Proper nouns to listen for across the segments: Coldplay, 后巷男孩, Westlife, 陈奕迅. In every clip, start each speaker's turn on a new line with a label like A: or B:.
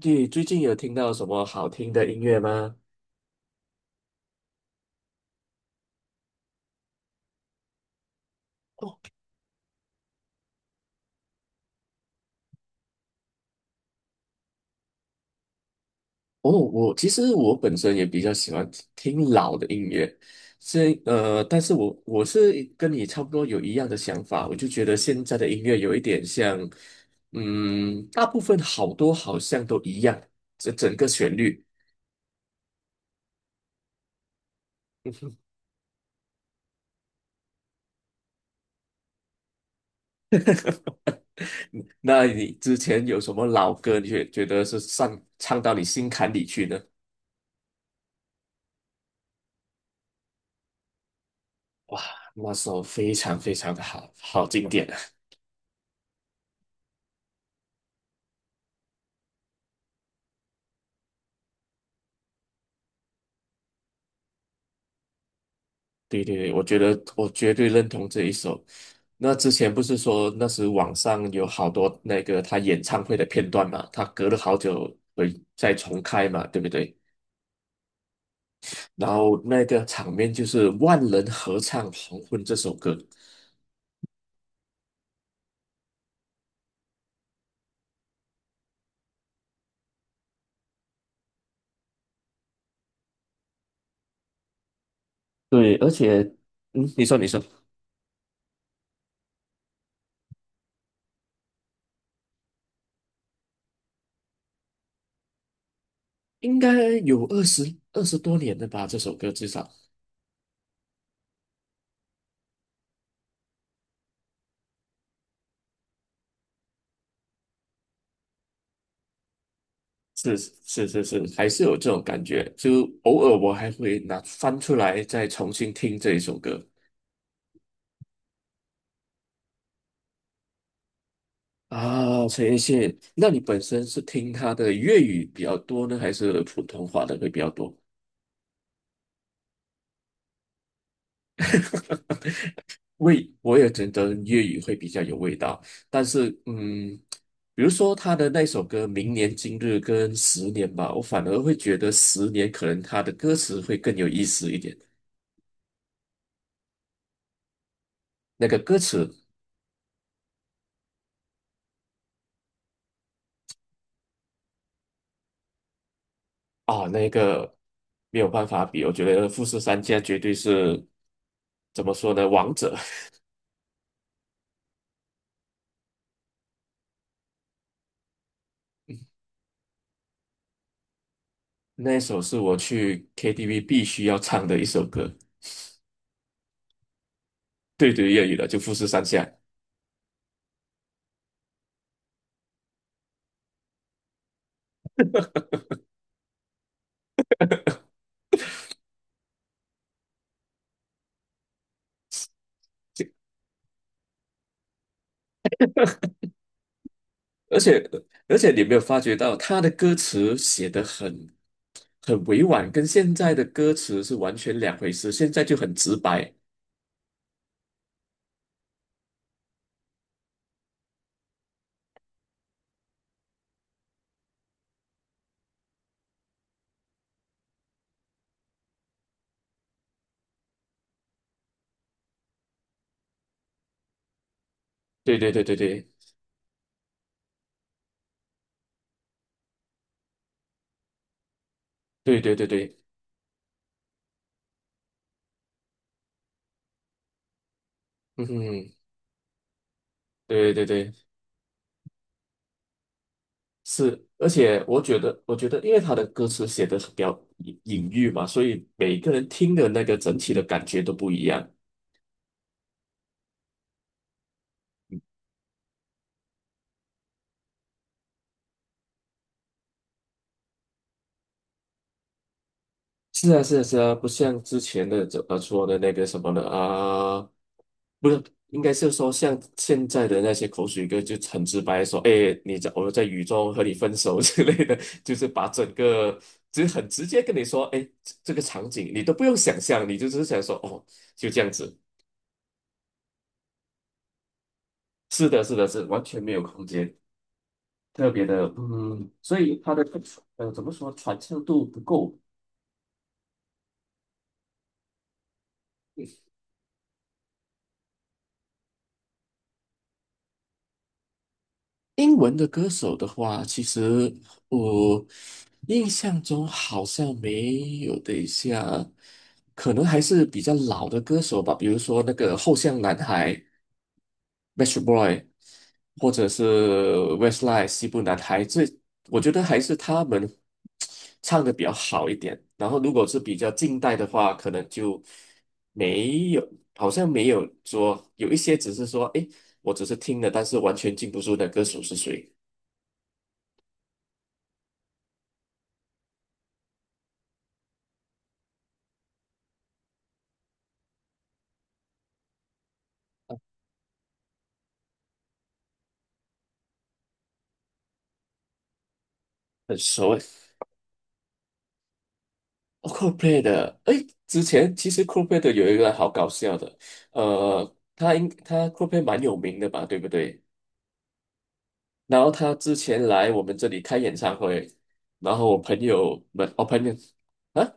A: 你最近有听到什么好听的音乐吗？哦，我其实我本身也比较喜欢听听老的音乐，但是我是跟你差不多有一样的想法，我就觉得现在的音乐有一点像，大部分好多好像都一样，这整个旋律。嗯那你之前有什么老歌，你觉得是上唱到你心坎里去呢？那首非常非常的好，好经典啊。对对对，我觉得我绝对认同这一首。那之前不是说那时网上有好多那个他演唱会的片段嘛，他隔了好久会再重开嘛，对不对？然后那个场面就是万人合唱《黄昏》这首歌，对，而且，嗯，你说，应该有二十二十多年了吧？这首歌至少是是是是，还是有这种感觉。就偶尔我还会拿翻出来再重新听这一首歌。啊，陈奕迅，那你本身是听他的粤语比较多呢，还是普通话的会比较多？味，我也觉得粤语会比较有味道，但是，比如说他的那首歌《明年今日》跟《十年》吧，我反而会觉得《十年》可能他的歌词会更有意思一点。那个歌词啊，那个没有办法比，我觉得富士山家绝对是怎么说呢，王者。那首是我去 KTV 必须要唱的一首歌。对对，粤语的就富士山下，而且而且你有没有发觉到他的歌词写得很委婉，跟现在的歌词是完全两回事，现在就很直白。对对对对对对对对对，嗯哼，对对对，是，而且我觉得，因为他的歌词写的比较隐喻嘛，所以每个人听的那个整体的感觉都不一样。是啊，是啊，是啊，不像之前的怎么说的那个什么的啊，不是，应该是说像现在的那些口水歌，就很直白地说，哎，我在雨中和你分手 之类的，就是把整个，就是很直接跟你说，哎，这个场景你都不用想象，你就只是想说，哦，就这样子。是的，是的，是完全没有空间，特别的，嗯，所以它的怎么说传唱度不够。英文的歌手的话，其实我印象中好像没有。等一下可能还是比较老的歌手吧，比如说那个后巷男孩 m e t r Boy），或者是 Westlife 西部男孩，这我觉得还是他们唱的比较好一点。然后，如果是比较近代的话，可能就没有，好像没有说有一些只是说，诶，我只是听了，但是完全记不住那歌手是谁。很熟诶。哦，Coldplay 的，诶，之前其实 Coldplay 的有一个好搞笑的，他 Coldplay 蛮有名的吧，对不对？然后他之前来我们这里开演唱会，然后我朋友啊，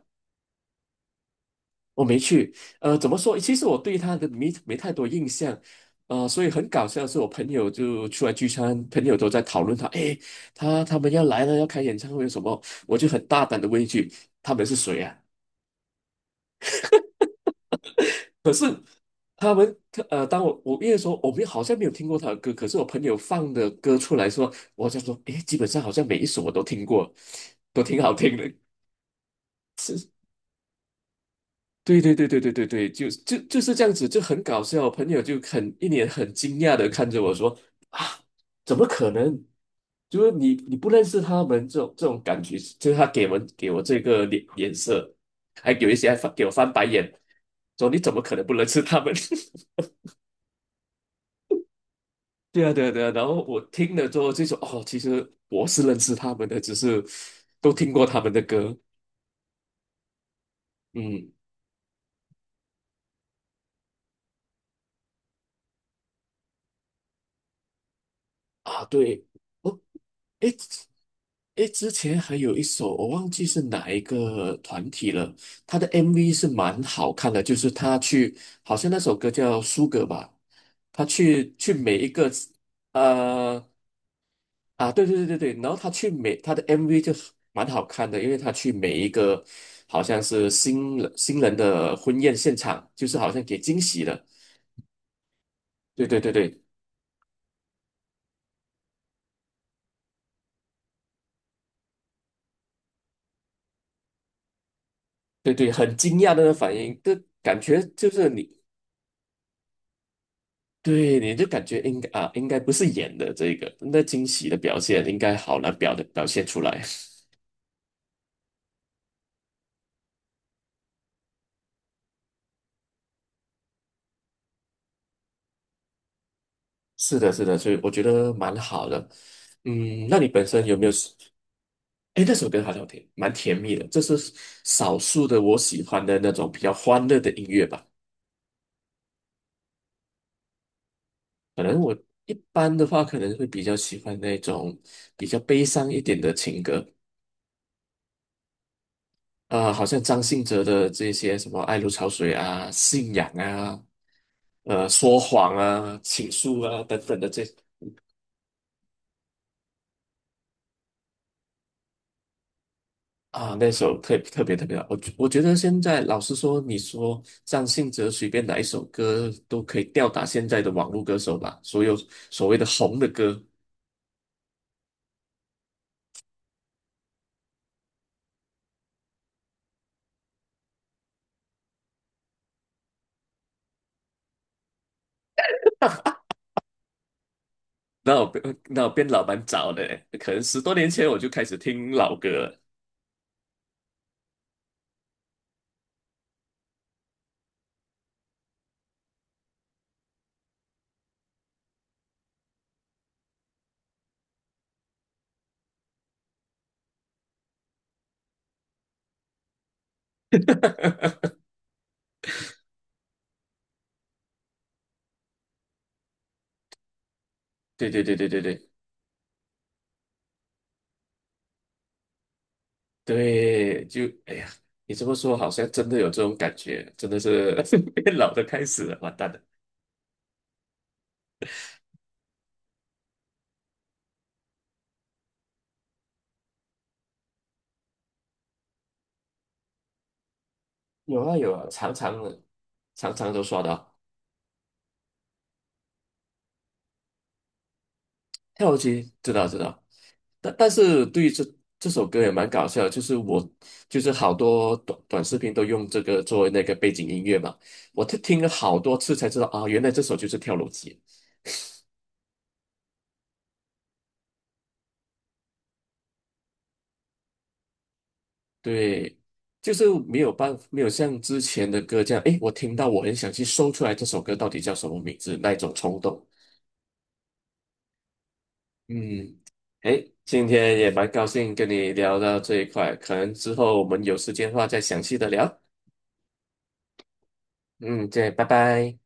A: 我没去，呃，怎么说？其实我对他的没太多印象，呃，所以很搞笑的是，我朋友就出来聚餐，朋友都在讨论他，诶，他们要来了，要开演唱会什么，我就很大胆的问一句，他们是谁啊？可是他们当我因为说我们好像没有听过他的歌，可是我朋友放的歌出来说，我就说，诶，基本上好像每一首我都听过，都挺好听的。对对对对对对对，就是这样子，就很搞笑。我朋友就很一脸很惊讶的看着我说：“啊，怎么可能？就是你不认识他们这种这种感觉，就是他给我这个脸色，还有一些还翻给我翻白眼，说你怎么可能不认识他们？”对啊，对啊，对啊。然后我听了之后就说，哦，其实我是认识他们的，只是都听过他们的歌。嗯，啊，对，哦，诶，诶，之前还有一首我忘记是哪一个团体了，他的 MV 是蛮好看的，就是他去，好像那首歌叫《苏格》吧，他去每一个呃啊，对对对对对，然后他去每他的 MV 就蛮好看的，因为他去每一个好像是新人的婚宴现场，就是好像给惊喜了。对对对对对对，很惊讶的反应，这感觉就是你对你就感觉应该啊，应该不是演的这个，那惊喜的表现应该好难表现出来。是的，是的，所以我觉得蛮好的。嗯，那你本身有没有哎，那首歌好像挺蛮甜蜜的，这是少数的我喜欢的那种比较欢乐的音乐吧。可能我一般的话，可能会比较喜欢那种比较悲伤一点的情歌，啊、好像张信哲的这些什么《爱如潮水》啊、《信仰》啊、呃、说谎啊、倾诉啊等等的这啊，那首特别特别好，我觉得现在老实说，你说张信哲随便哪一首歌都可以吊打现在的网络歌手吧？所有所谓的红的歌，那我变那我变老蛮早的欸可能十多年前我就开始听老歌了。对对对对对对对，就哎呀，你这么说好像真的有这种感觉，真的是 变老的开始了，完蛋了。有啊有啊，常常都刷到。跳机，知道知道。但是对于这首歌也蛮搞笑的就是我就是好多短视频都用这个作为那个背景音乐嘛，听了好多次才知道啊，原来这首就是跳楼机。对，就是没有办法，没有像之前的歌这样，诶，我听到我很想去搜出来这首歌到底叫什么名字那一种冲动。嗯，诶，今天也蛮高兴跟你聊到这一块，可能之后我们有时间的话再详细的聊。嗯，对，拜拜。